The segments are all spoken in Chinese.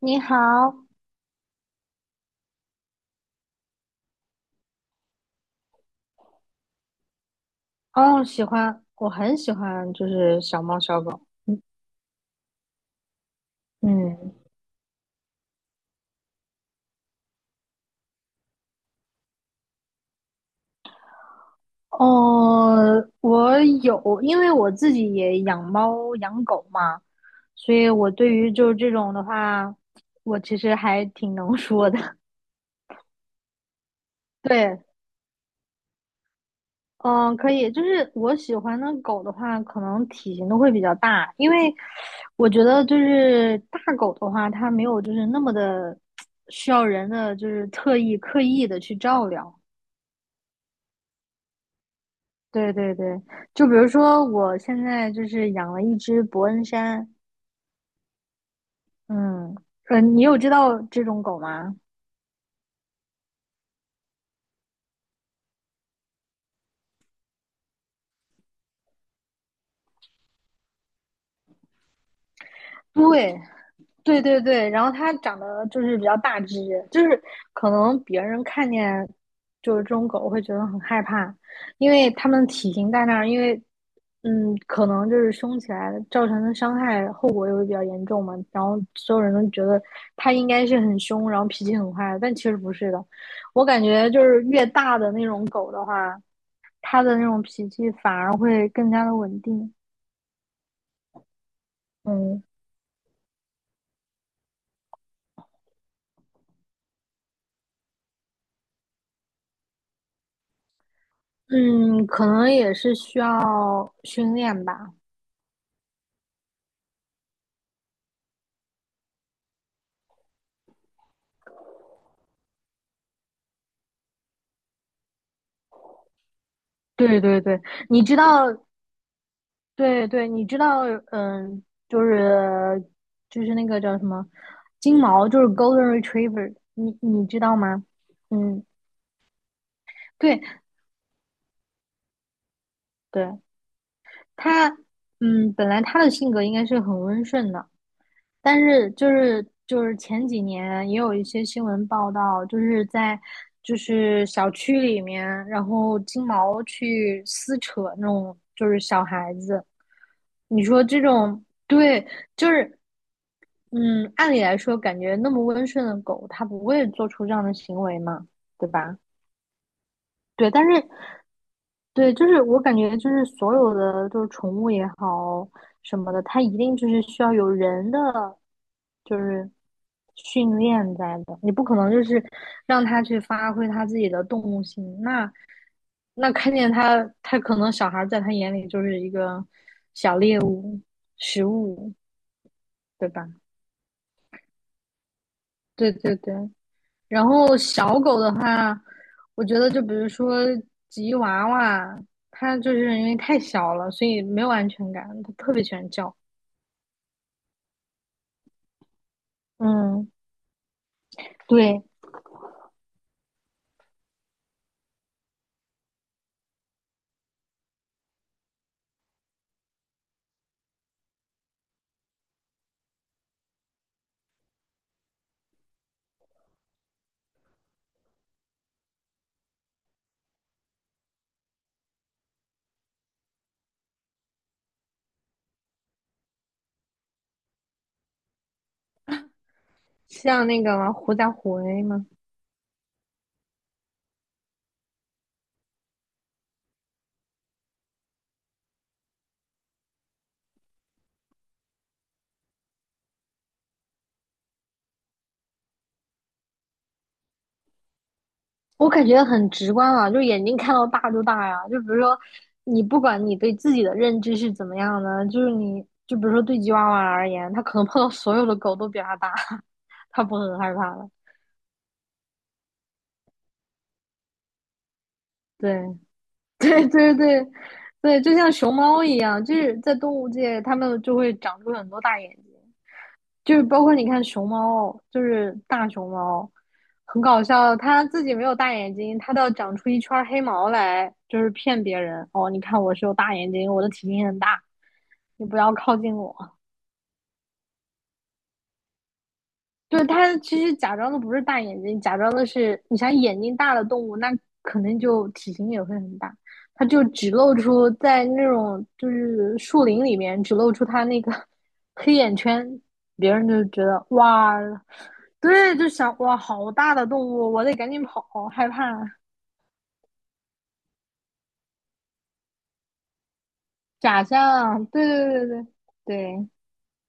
你好。哦，喜欢，我很喜欢，就是小猫小狗。嗯嗯。哦，我有，因为我自己也养猫养狗嘛，所以我对于就是这种的话，我其实还挺能说的。对。嗯，可以，就是我喜欢的狗的话，可能体型都会比较大，因为我觉得就是大狗的话，它没有就是那么的需要人的就是特意刻意的去照料。对对对，就比如说我现在就是养了一只伯恩山。嗯。你有知道这种狗吗？对。对对对，然后它长得就是比较大只，就是可能别人看见就是这种狗会觉得很害怕，因为它们体型在那儿。因为可能就是凶起来造成的伤害后果也会比较严重嘛，然后所有人都觉得它应该是很凶，然后脾气很坏，但其实不是的。我感觉就是越大的那种狗的话，它的那种脾气反而会更加的稳定。嗯嗯。可能也是需要训练吧。对对对，你知道。对对，你知道。嗯，就是那个叫什么金毛，就是 Golden Retriever，你知道吗？嗯。对对。它，嗯，本来它的性格应该是很温顺的，但是就是前几年也有一些新闻报道，就是在小区里面，然后金毛去撕扯那种就是小孩子。你说这种，对，就是嗯，按理来说，感觉那么温顺的狗，它不会做出这样的行为嘛，对吧？对，但是对，就是我感觉就是所有的就是宠物也好什么的，它一定就是需要有人的就是训练在的，你不可能就是让它去发挥它自己的动物性。那看见它，它可能小孩儿在他眼里就是一个小猎物、食物，对吧？对对对。然后小狗的话，我觉得就比如说吉娃娃，它就是因为太小了，所以没有安全感，它特别喜欢叫。嗯，对。像那个狐假虎威嘛。我感觉很直观啊，就眼睛看到大就大呀。就比如说，你不管你对自己的认知是怎么样的，就是你就比如说对吉娃娃而言，它可能碰到所有的狗都比它大，它不会很害怕了。对。对对对对。就像熊猫一样，就是在动物界，它们就会长出很多大眼睛，就是包括你看熊猫，就是大熊猫，很搞笑，它自己没有大眼睛，它要长出一圈黑毛来，就是骗别人。哦，你看我是有大眼睛，我的体型很大，你不要靠近我。对，它其实假装的不是大眼睛，假装的是你想眼睛大的动物，那可能就体型也会很大。它就只露出在那种就是树林里面，只露出它那个黑眼圈。别人就觉得哇，对，就想哇，好大的动物，我得赶紧跑，害怕。假象，对对对对对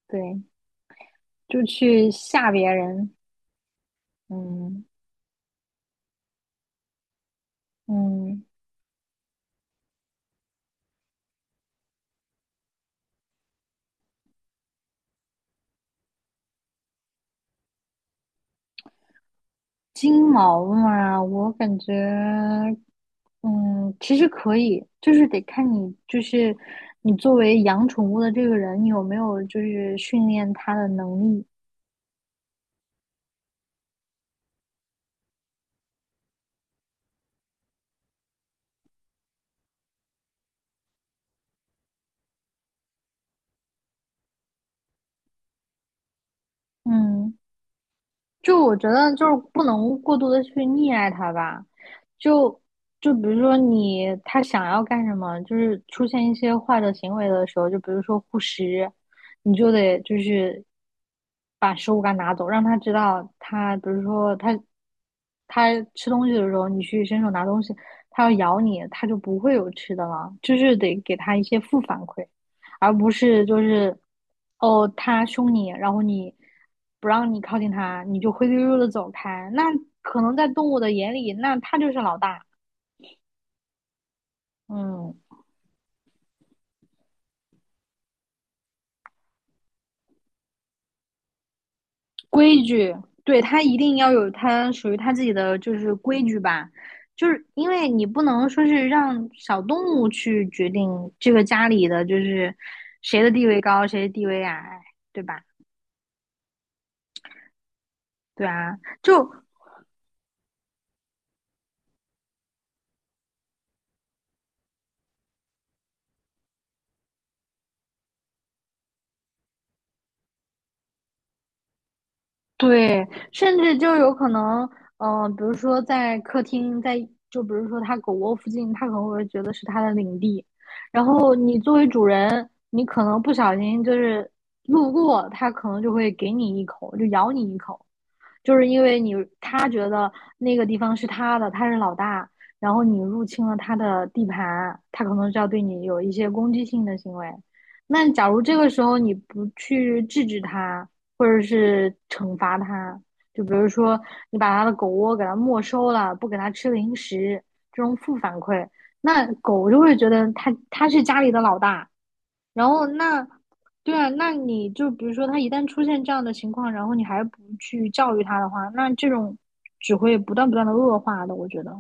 对对，就去吓别人。嗯嗯。金毛嘛，我感觉，嗯，其实可以，就是得看你，就是你作为养宠物的这个人，你有没有就是训练它的能力。嗯。就我觉得就是不能过度的去溺爱他吧，就比如说你他想要干什么，就是出现一些坏的行为的时候，就比如说护食，你就得就是把食物给他拿走，让他知道他，比如说他吃东西的时候，你去伸手拿东西，他要咬你，他就不会有吃的了，就是得给他一些负反馈。而不是就是哦他凶你，然后你不让你靠近他，你就灰溜溜的走开。那可能在动物的眼里，那他就是老大。嗯。规矩。对，他一定要有他属于他自己的就是规矩吧。就是因为你不能说是让小动物去决定这个家里的就是谁的地位高，谁的地位矮，对吧？对啊，就对。甚至就有可能，比如说在客厅，在就比如说它狗窝附近，它可能会觉得是它的领地，然后你作为主人，你可能不小心就是路过，它可能就会给你一口，就咬你一口。就是因为他觉得那个地方是他的，他是老大，然后你入侵了他的地盘，他可能就要对你有一些攻击性的行为。那假如这个时候你不去制止他，或者是惩罚他，就比如说你把他的狗窝给他没收了，不给他吃零食，这种负反馈，那狗就会觉得他是家里的老大。然后那，对啊，那你就比如说他一旦出现这样的情况，然后你还不去教育他的话，那这种只会不断的恶化的，我觉得。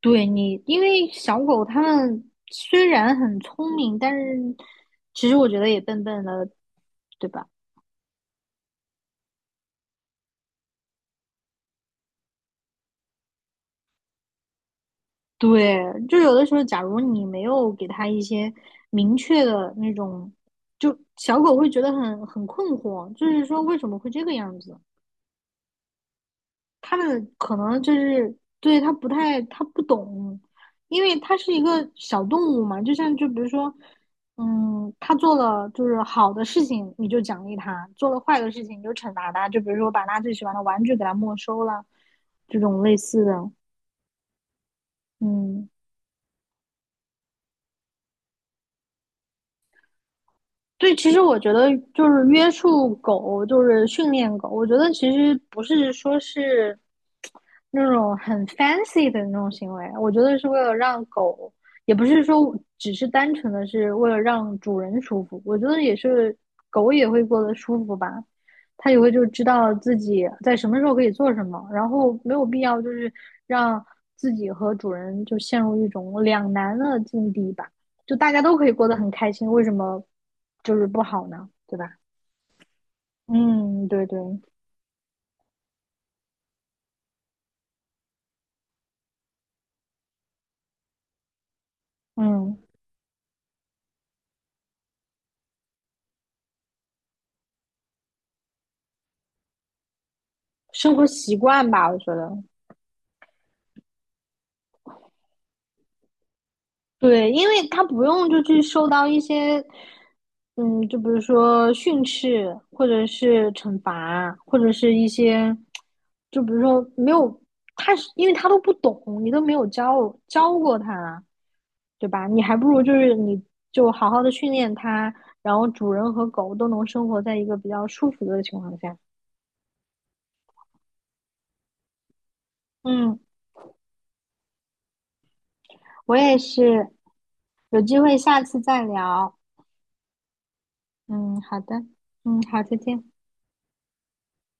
对你，因为小狗它们虽然很聪明，但是其实我觉得也笨笨的，对吧？对，就有的时候，假如你没有给它一些明确的那种，就小狗会觉得很困惑，就是说为什么会这个样子？他们可能就是对他不太不懂，因为他是一个小动物嘛，就像就比如说，嗯，他做了就是好的事情你就奖励他，做了坏的事情你就惩罚他，就比如说把他最喜欢的玩具给他没收了，这种类似的。嗯。对，其实我觉得就是约束狗，就是训练狗。我觉得其实不是说是那种很 fancy 的那种行为，我觉得是为了让狗，也不是说只是单纯的是为了让主人舒服。我觉得也是狗也会过得舒服吧。它也会就知道自己在什么时候可以做什么，然后没有必要就是让自己和主人就陷入一种两难的境地吧。就大家都可以过得很开心，为什么就是不好呢？对吧？嗯，对对。嗯，生活习惯吧，我觉得。对，因为他不用就去受到一些，嗯，就比如说训斥，或者是惩罚，或者是一些，就比如说没有他是，因为他都不懂，你都没有教过他，对吧？你还不如就是你就好好的训练他，然后主人和狗都能生活在一个比较舒服的情况下。嗯。我也是，有机会下次再聊。嗯，好的，嗯，好，再见。